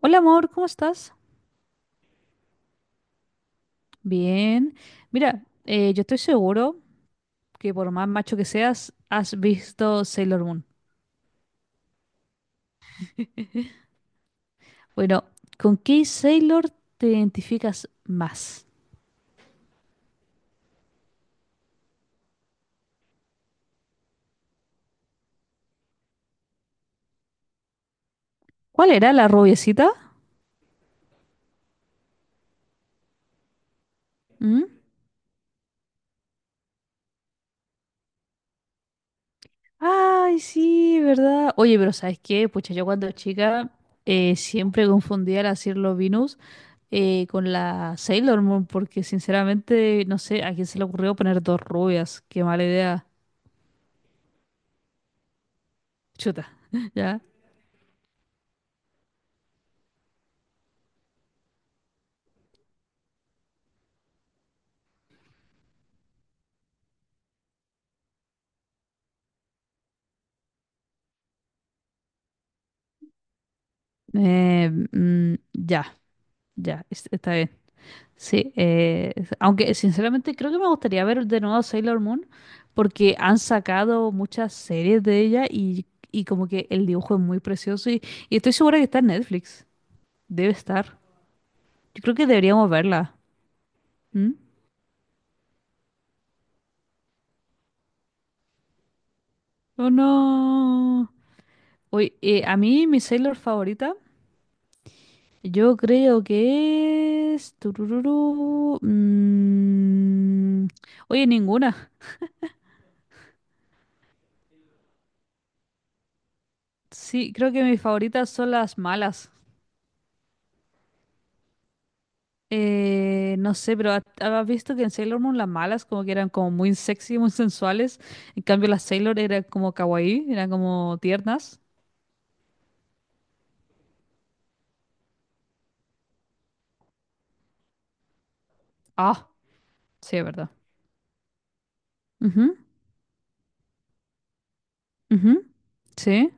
Hola amor, ¿cómo estás? Bien. Mira, yo estoy seguro que por más macho que seas, has visto Sailor Moon. Bueno, ¿con qué Sailor te identificas más? ¿Cuál era la rubiecita? ¿Mm? Ay, sí, ¿verdad? Oye, pero ¿sabes qué? Pucha, yo cuando chica siempre confundía la Sailor Venus con la Sailor Moon, porque sinceramente no sé a quién se le ocurrió poner dos rubias. Qué mala idea. Chuta, ¿ya? Ya, ya, está bien. Sí, aunque sinceramente creo que me gustaría ver de nuevo Sailor Moon porque han sacado muchas series de ella y como que el dibujo es muy precioso y estoy segura que está en Netflix. Debe estar. Yo creo que deberíamos verla. ¿Mm? ¿O no? Oye, a mí mi Sailor favorita, yo creo que es... tururú, oye, ninguna. Sí, creo que mis favoritas son las malas. No sé, pero ¿has visto que en Sailor Moon las malas como que eran como muy sexy, muy sensuales? En cambio las Sailor eran como kawaii, eran como tiernas. Ah, sí, es verdad. Ujú, ujú. Sí.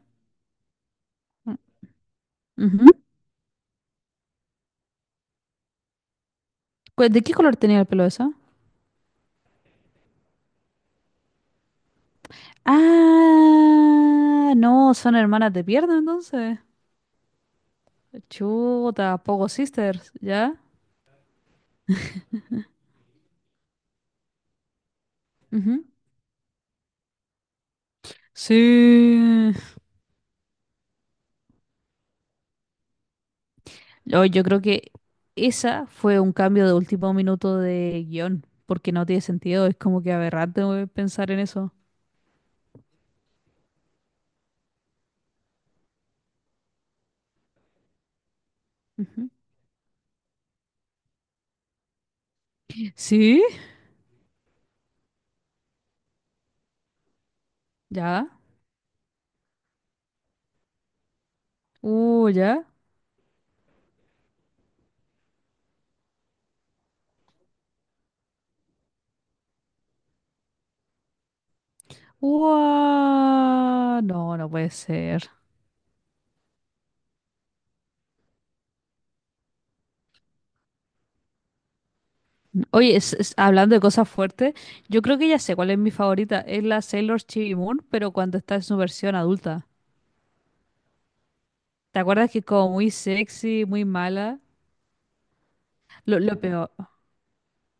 Ujú. ¿De qué color tenía el pelo esa? Ah, no, son hermanas de pierna entonces. Chuta, Pogo Sisters, ¿ya? Ujú. Sí. Yo creo que esa fue un cambio de último minuto de guión, porque no tiene sentido, es como que aberrante güey, pensar en eso. Ujú. ¿Sí? ¿Ya? ¿Ya? ¡Guau! No, no puede ser. Oye, hablando de cosas fuertes, yo creo que ya sé cuál es mi favorita. Es la Sailor Chibi Moon, pero cuando está en su versión adulta. ¿Te acuerdas que es como muy sexy, muy mala? Lo peor.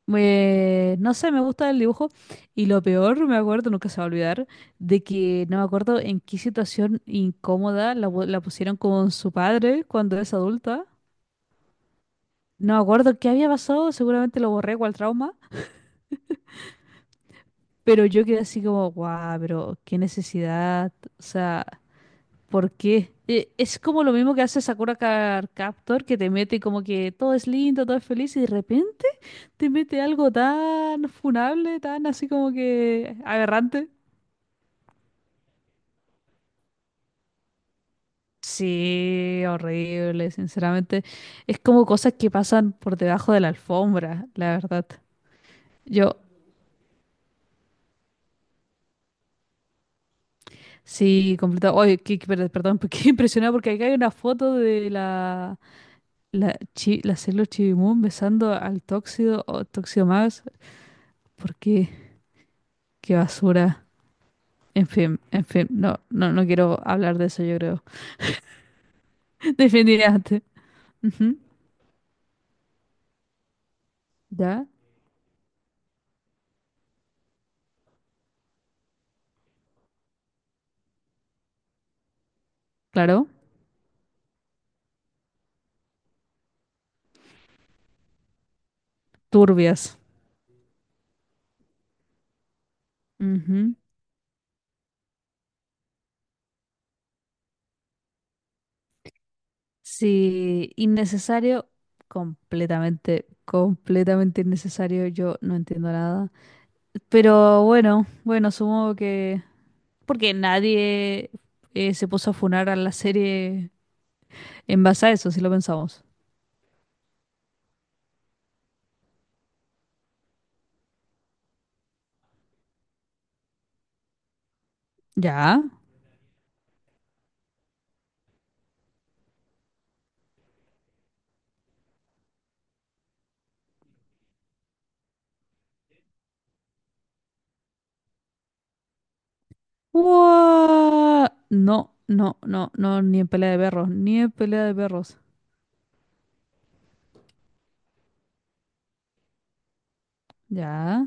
No sé, me gusta el dibujo. Y lo peor, me acuerdo, nunca se va a olvidar, de que no me acuerdo en qué situación incómoda la, la pusieron con su padre cuando es adulta. No me acuerdo qué había pasado, seguramente lo borré cual trauma. Pero yo quedé así como, guau, pero qué necesidad. O sea, ¿por qué? Es como lo mismo que hace Sakura Card Captor, que te mete como que todo es lindo, todo es feliz, y de repente te mete algo tan funable, tan así como que aberrante. Sí, horrible, sinceramente. Es como cosas que pasan por debajo de la alfombra, la verdad. Yo, sí, completo. Oye, perdón, qué impresionado porque acá hay una foto de la, la Sailor Chibimun besando al Tóxido o Tóxido Max. ¿Por qué? Qué basura. En fin, no, no, no quiero hablar de eso, yo creo. Definitivamente. Ujú. ¿Ya? Claro. Turbias. Sí, innecesario, completamente, completamente innecesario, yo no entiendo nada. Pero bueno, bueno, supongo que... Porque nadie se puso a funar a la serie en base a eso, si lo pensamos. ¿Ya? ¡Guau! No, no, no, no, ni en pelea de perros, ni en pelea de perros. ¿Ya?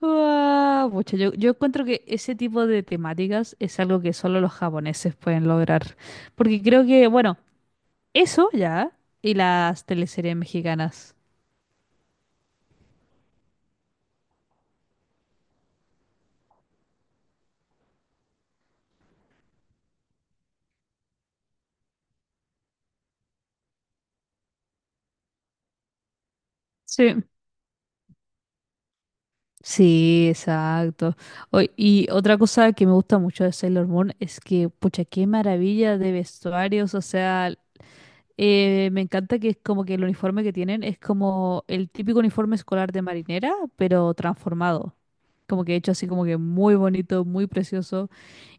¡Guau! Pucha, yo encuentro que ese tipo de temáticas es algo que solo los japoneses pueden lograr. Porque creo que, bueno... Eso ya. Y las teleseries mexicanas. Sí. Sí, exacto. Y otra cosa que me gusta mucho de Sailor Moon es que, pucha, qué maravilla de vestuarios. O sea, me encanta que es como que el uniforme que tienen es como el típico uniforme escolar de marinera, pero transformado. Como que hecho así como que muy bonito, muy precioso.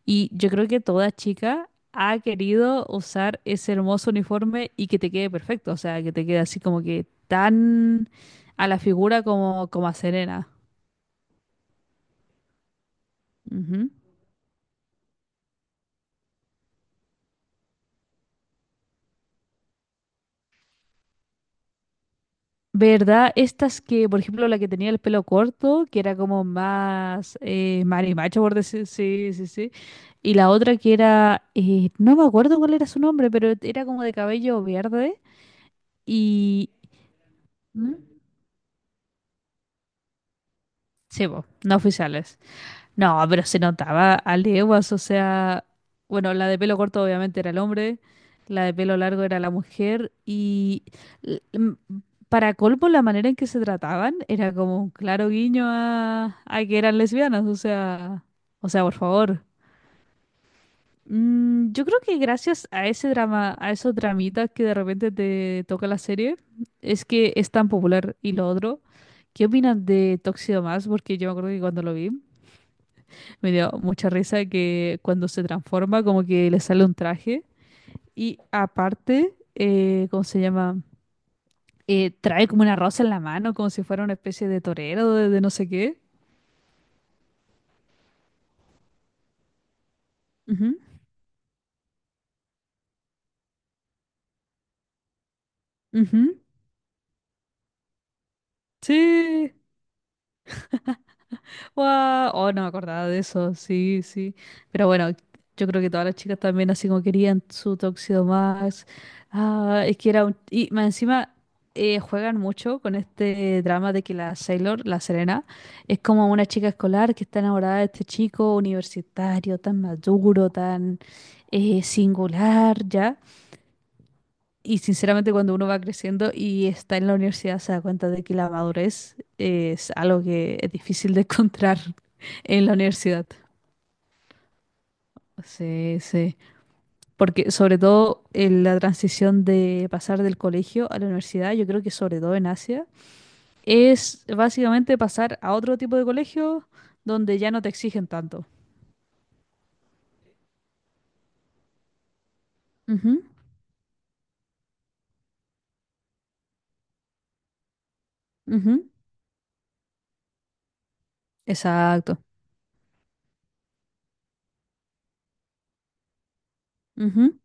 Y yo creo que toda chica ha querido usar ese hermoso uniforme y que te quede perfecto, o sea, que te quede así como que tan a la figura como a Serena. Ujú. ¿Verdad? Estas que, por ejemplo, la que tenía el pelo corto, que era como más marimacho, por decir, sí, sí, sí. Y la otra que era, no me acuerdo cuál era su nombre, pero era como de cabello verde y... ¿Mm? Sí, po, no oficiales. No, pero se notaba a leguas, o sea, bueno, la de pelo corto obviamente era el hombre, la de pelo largo era la mujer y l- m- para colmo la manera en que se trataban era como un claro guiño a que eran lesbianas, o sea, por favor. Yo creo que gracias a ese drama, a esos dramitas que de repente te toca la serie, es que es tan popular. Y lo otro, ¿qué opinas de Tóxido Más? Porque yo me acuerdo que cuando lo vi... Me dio mucha risa que cuando se transforma, como que le sale un traje. Y aparte, ¿cómo se llama? Trae como una rosa en la mano, como si fuera una especie de torero, de no sé qué. Ujú, ujú. Sí. Guau, oh, no me acordaba de eso, sí, sí. Pero bueno, yo creo que todas las chicas también así como querían su Tóxido Max. Ah, es que era un... Y más encima juegan mucho con este drama de que la Sailor, la Serena, es como una chica escolar que está enamorada de este chico universitario, tan maduro, tan singular, ¿ya? Y sinceramente cuando uno va creciendo y está en la universidad se da cuenta de que la madurez es algo que es difícil de encontrar en la universidad. Sí, sí. Porque sobre todo en la transición de pasar del colegio a la universidad, yo creo que sobre todo en Asia, es básicamente pasar a otro tipo de colegio donde ya no te exigen tanto. Ujú, ujú. Exacto. Ujú,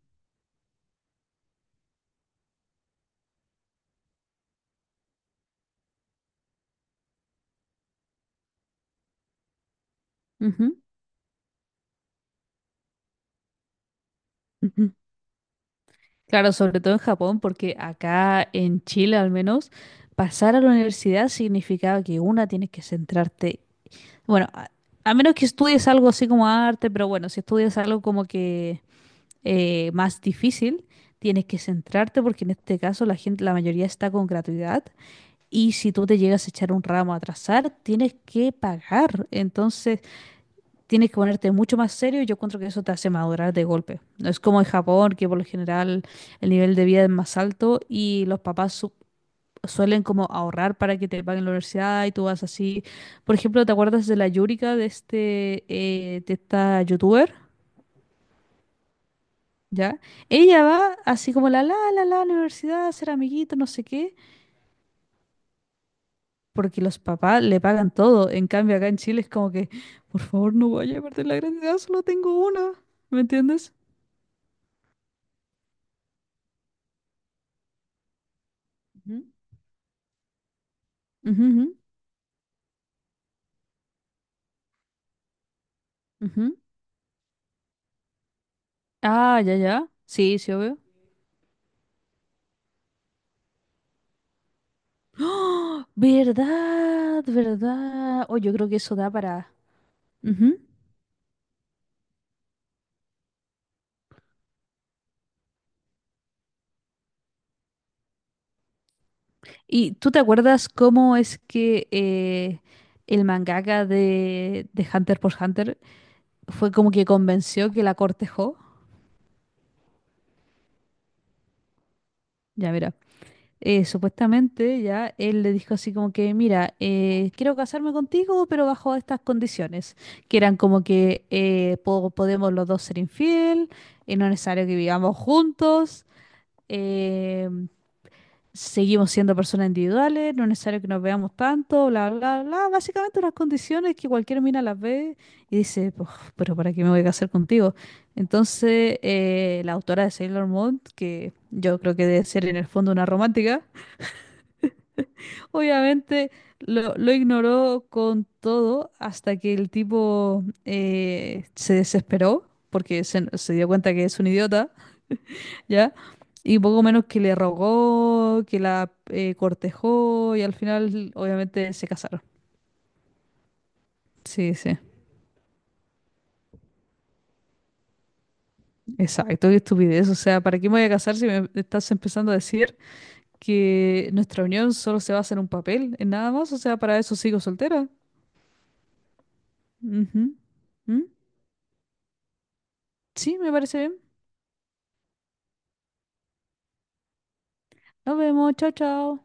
ujú. Claro, sobre todo en Japón, porque acá en Chile al menos, pasar a la universidad significaba que una tienes que centrarte, bueno, a, menos que estudies algo así como arte, pero bueno, si estudias algo como que más difícil, tienes que centrarte porque en este caso la gente, la mayoría está con gratuidad y si tú te llegas a echar un ramo a atrasar, tienes que pagar. Entonces tienes que ponerte mucho más serio y yo encuentro que eso te hace madurar de golpe. No es como en Japón, que por lo general el nivel de vida es más alto y los papás suelen como ahorrar para que te paguen la universidad y tú vas así. Por ejemplo, ¿te acuerdas de la Yurika de este de esta youtuber? ¿Ya? Ella va así como la universidad, ser amiguito, no sé qué, porque los papás le pagan todo. En cambio, acá en Chile es como que, por favor, no vaya a perder la gratuidad, solo tengo una. ¿Me entiendes? Ujú. Ujú, ujú. Ujú. Ah, ya, ya. Sí, sí, obvio. ¡Oh! ¿Verdad? ¿Verdad? Oh, yo creo que eso da para... Ujú. ¿Y tú te acuerdas cómo es que el mangaka de Hunter por Hunter fue como que convenció que la cortejó? Ya, mira. Supuestamente ya él le dijo así como que, mira, quiero casarme contigo, pero bajo estas condiciones, que eran como que podemos los dos ser infiel, es no es necesario que vivamos juntos, eh, seguimos siendo personas individuales, no es necesario que nos veamos tanto, bla, bla, bla. Básicamente unas condiciones que cualquier mina las ve y dice, "Puf, pero ¿para qué me voy a casar contigo? Entonces, la autora de Sailor Moon, que yo creo que debe ser en el fondo una romántica, obviamente lo ignoró con todo hasta que el tipo se desesperó porque se dio cuenta que es un idiota, ¿ya? Y poco menos que le rogó, que la cortejó y al final obviamente se casaron. Sí, sí, exacto, qué estupidez. O sea, ¿para qué me voy a casar si me estás empezando a decir que nuestra unión solo se basa en un papel, en nada más? O sea, para eso sigo soltera. Ujú. ¿Mm? Sí, me parece bien. Nos vemos, chao, chao.